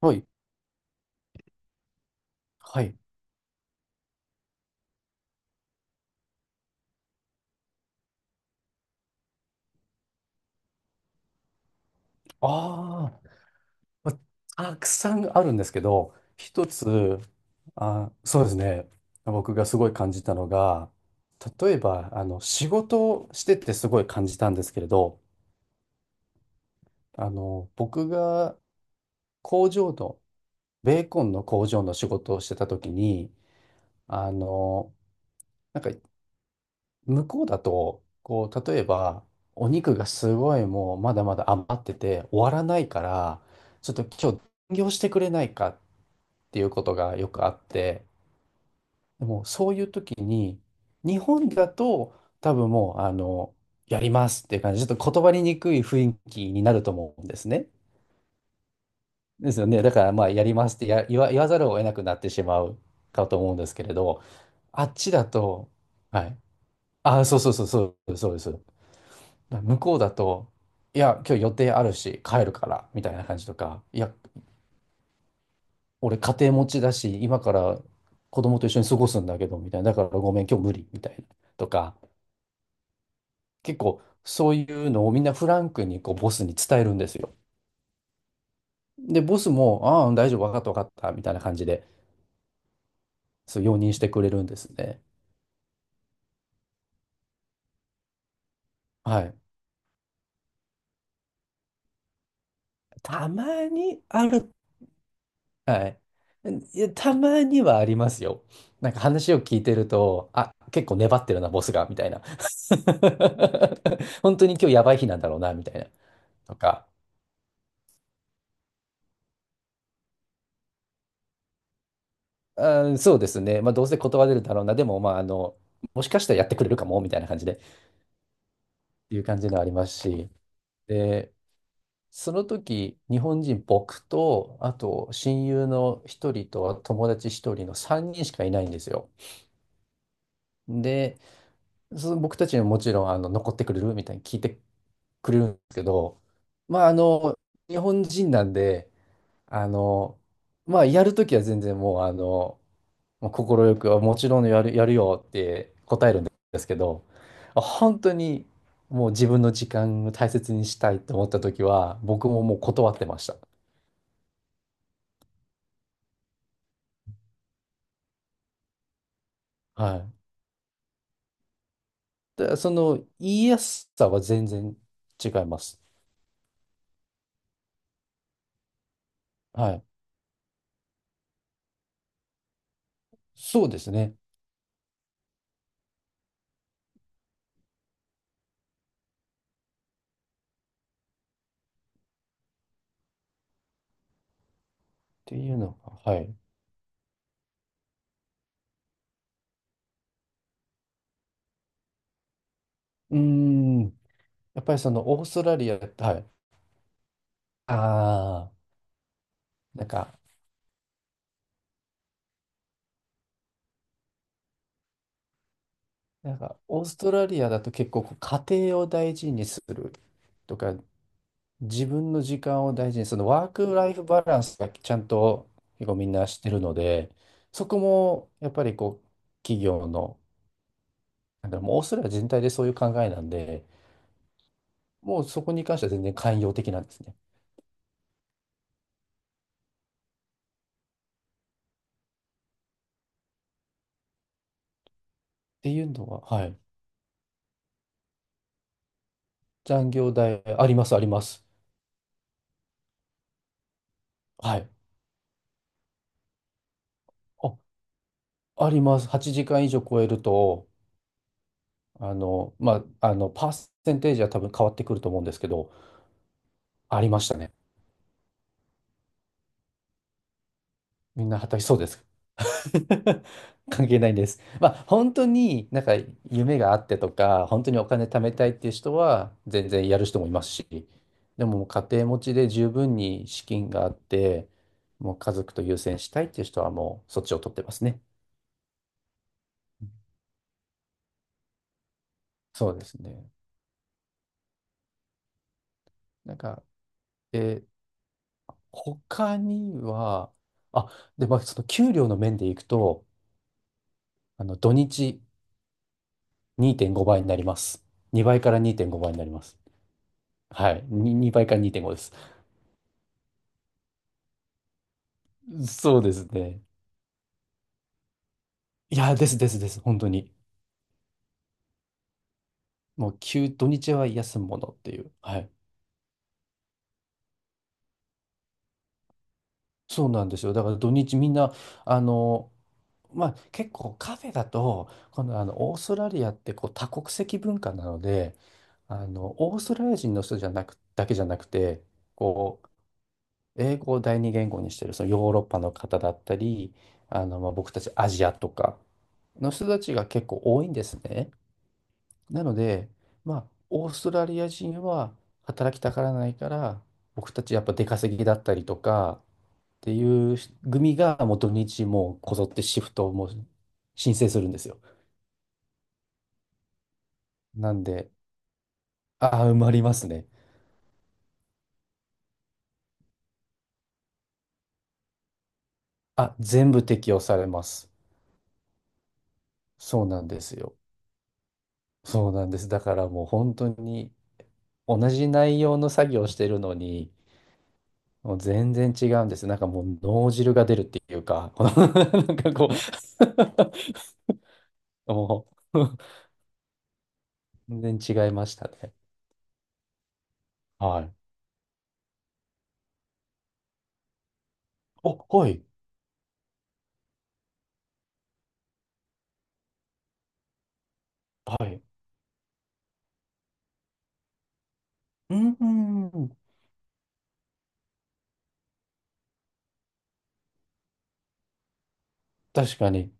はい。はい。ああ、またくさんあるんですけど、一つ、そうですね。僕がすごい感じたのが、例えば、仕事をしててすごい感じたんですけれど、僕が工場の、ベーコンの工場の仕事をしてた時に、あの、なんか、向こうだと、こう、例えば、お肉がすごいもうまだまだ余ってて終わらないから、ちょっと今日残業してくれないかっていうことがよくあって、でもそういう時に、日本だと多分もう、やりますっていう感じ、ちょっと言葉ににくい雰囲気になると思うんですね。ですよね。だからまあ、やりますってや、言わ、言わざるを得なくなってしまうかと思うんですけれど、あっちだと、はい。あ、そうそうそうそう、そうです。向こうだと、いや、今日予定あるし、帰るから、みたいな感じとか、いや、俺家庭持ちだし、今から子供と一緒に過ごすんだけど、みたいな。だからごめん、今日無理、みたいな。とか、結構そういうのをみんなフランクにこうボスに伝えるんですよ。で、ボスも、ああ、大丈夫、わかった、わかった、みたいな感じで、そう、容認してくれるんですね。はい。たまにある。はい。いや、たまにはありますよ。なんか話を聞いてると、あ、結構粘ってるな、ボスが、みたいな。本当に今日やばい日なんだろうな、みたいな。とか。あー、そうですね。まあ、どうせ断れるだろうな。でも、まあ、もしかしたらやってくれるかも、みたいな感じで、ていう感じのありますし。で、その時、日本人、僕と、あと、親友の一人と、友達一人の3人しかいないんですよ。で、その僕たちにももちろん、残ってくれるみたいに聞いてくれるんですけど、まあ、日本人なんで、あの、まあ、やるときは全然もう、快く、あもちろんやるよって、ですけど、あ本当にもう自分の時間を大切にしたいと思った時は、僕ももう断ってました。はい。で、その言いやすさは全然違います。はい。そうですね。っていうのが、はい。うーん。やっぱりそのオーストラリア、はい。ああ、なんか、なんかオーストラリアだと結構こう家庭を大事にするとか、自分の時間を大事に、そのワークライフバランスがちゃんと結構みんなしてるので、そこもやっぱりこう、企業の、なんだろう、もうオーストラリア全体でそういう考えなんで、もうそこに関しては全然寛容的なんですね。っていうのは、はい。残業代、あります、あります。はい。あ、あります。8時間以上超えると、パーセンテージは多分変わってくると思うんですけど、ありましたね。みんな働きそうです。 関係ないんです。まあ、本当になんか夢があってとか、本当にお金貯めたいっていう人は全然やる人もいますし、でも家庭持ちで十分に資金があって、もう家族と優先したいっていう人はもうそっちを取ってますね。そうですね。なんか、で、他には、あ、で、まあ、その給料の面でいくと、土日2.5倍になります。2倍から2.5倍になります。はい。に2倍から2.5です。そうですね。いや、ですですです、本当に。もう、土日は休むものっていう。はい。そうなんですよ。だから土日みんな、あの、まあ、結構カフェだと、この、あの、オーストラリアってこう多国籍文化なので、オーストラリア人の人じゃなく、だけじゃなくて、こう、英語を第二言語にしてる、そのヨーロッパの方だったり、まあ、僕たちアジアとかの人たちが結構多いんですね。なので、まあ、オーストラリア人は働きたがらないから、僕たちやっぱ出稼ぎだったりとかていう組がもう土日もうこぞってシフトをもう申請するんですよ。なんで、ああ、埋まりますね。あ、全部適用されます。そうなんですよ。そうなんです。だからもう本当に同じ内容の作業をしてるのに、もう全然違うんです。なんかもう脳汁が出るっていうか、この なんかこう もう全然違いましたね。はい。お、はい。はい。うん、うん確かに。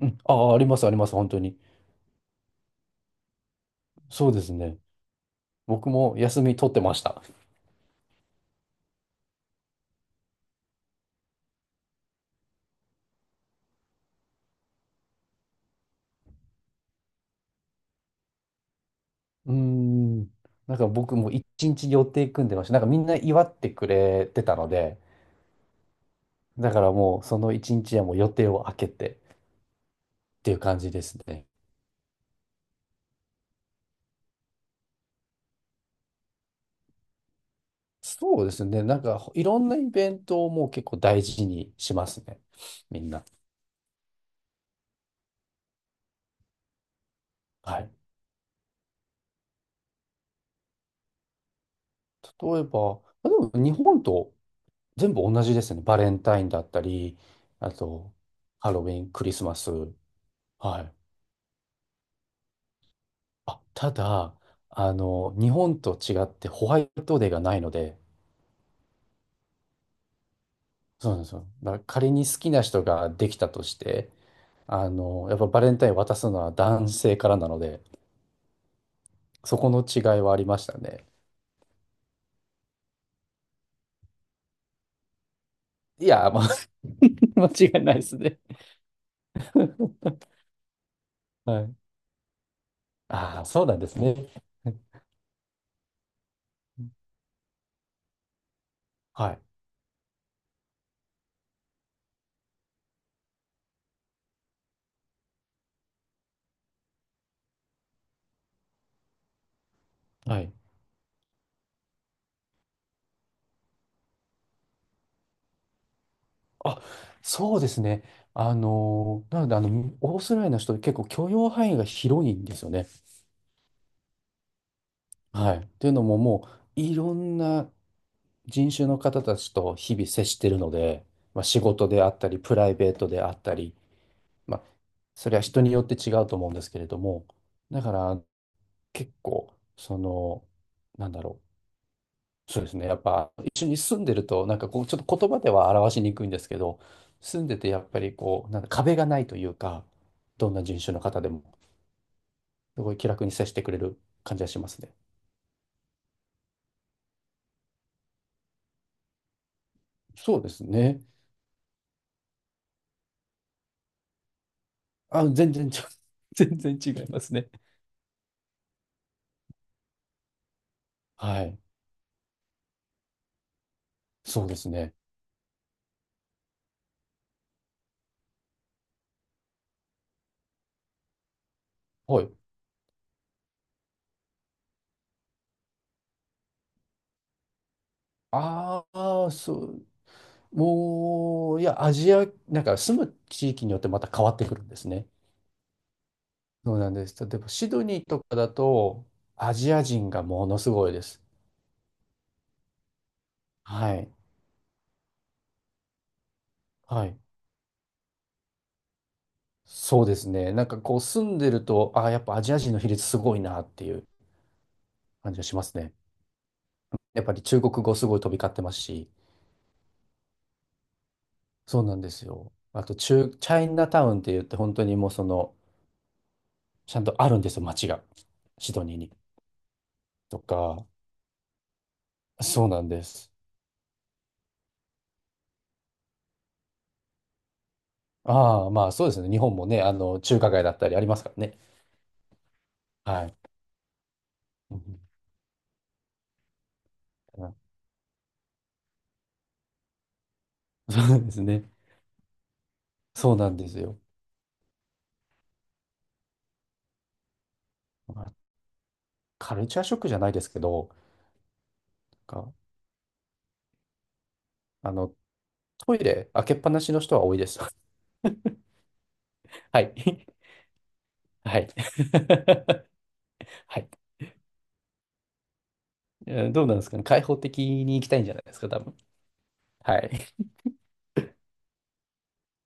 うん。あ、あります、あります、本当に。そうですね。僕も休み取ってました。うーん。なんか僕も一日予定組んでました。なんかみんな祝ってくれてたので、だからもうその一日はもう予定を空けてていう感じですね。そうですね。なんかいろんなイベントをもう結構大事にしますね。みんな。はい。例えば、まあでも日本と全部同じですね。バレンタインだったり、あと、ハロウィン、クリスマス。はい。あ、ただ、日本と違ってホワイトデーがないので、そうなんですよ。だから仮に好きな人ができたとして、やっぱバレンタイン渡すのは男性からなので、そこの違いはありましたね。いや、まあ、間違いないですね。はい。ああ、そうなんですね。はい。はい。あ、そうですね。なので、オーストラリアの人って結構許容範囲が広いんですよね。はい。っていうのももう、いろんな人種の方たちと日々接してるので、まあ、仕事であったり、プライベートであったり、まあ、それは人によって違うと思うんですけれども、だから結構、その、なんだろう。そうですね。やっぱ一緒に住んでると、なんかこう、ちょっと言葉では表しにくいんですけど、住んでてやっぱりこう、なんか壁がないというか、どんな人種の方でも、すごい気楽に接してくれる感じがしますね。そうですね。あ、全然ちょ、全然違いますね。はい。そうですね。はい。ああ、そう。もう、いや、アジア、なんか住む地域によってまた変わってくるんですね。そうなんです。例えば、シドニーとかだと、アジア人がものすごいです。はい。はい。そうですね。なんかこう住んでると、ああ、やっぱアジア人の比率すごいなっていう感じがしますね。やっぱり中国語すごい飛び交ってますし、そうなんですよ。あと中、チャイナタウンって言って本当にもうその、ちゃんとあるんですよ、街が。シドニーに。とか、そうなんです。ああ、まあそうですね。日本もね、中華街だったりありますからね。はい。うん そうですね。そうなんですよ。まあカルチャーショックじゃないですけど、なんかあの、トイレ開けっぱなしの人は多いです。はい。はい。はい。えーどうなんですかね。開放的に行きたいんじゃないですか、多分。はい。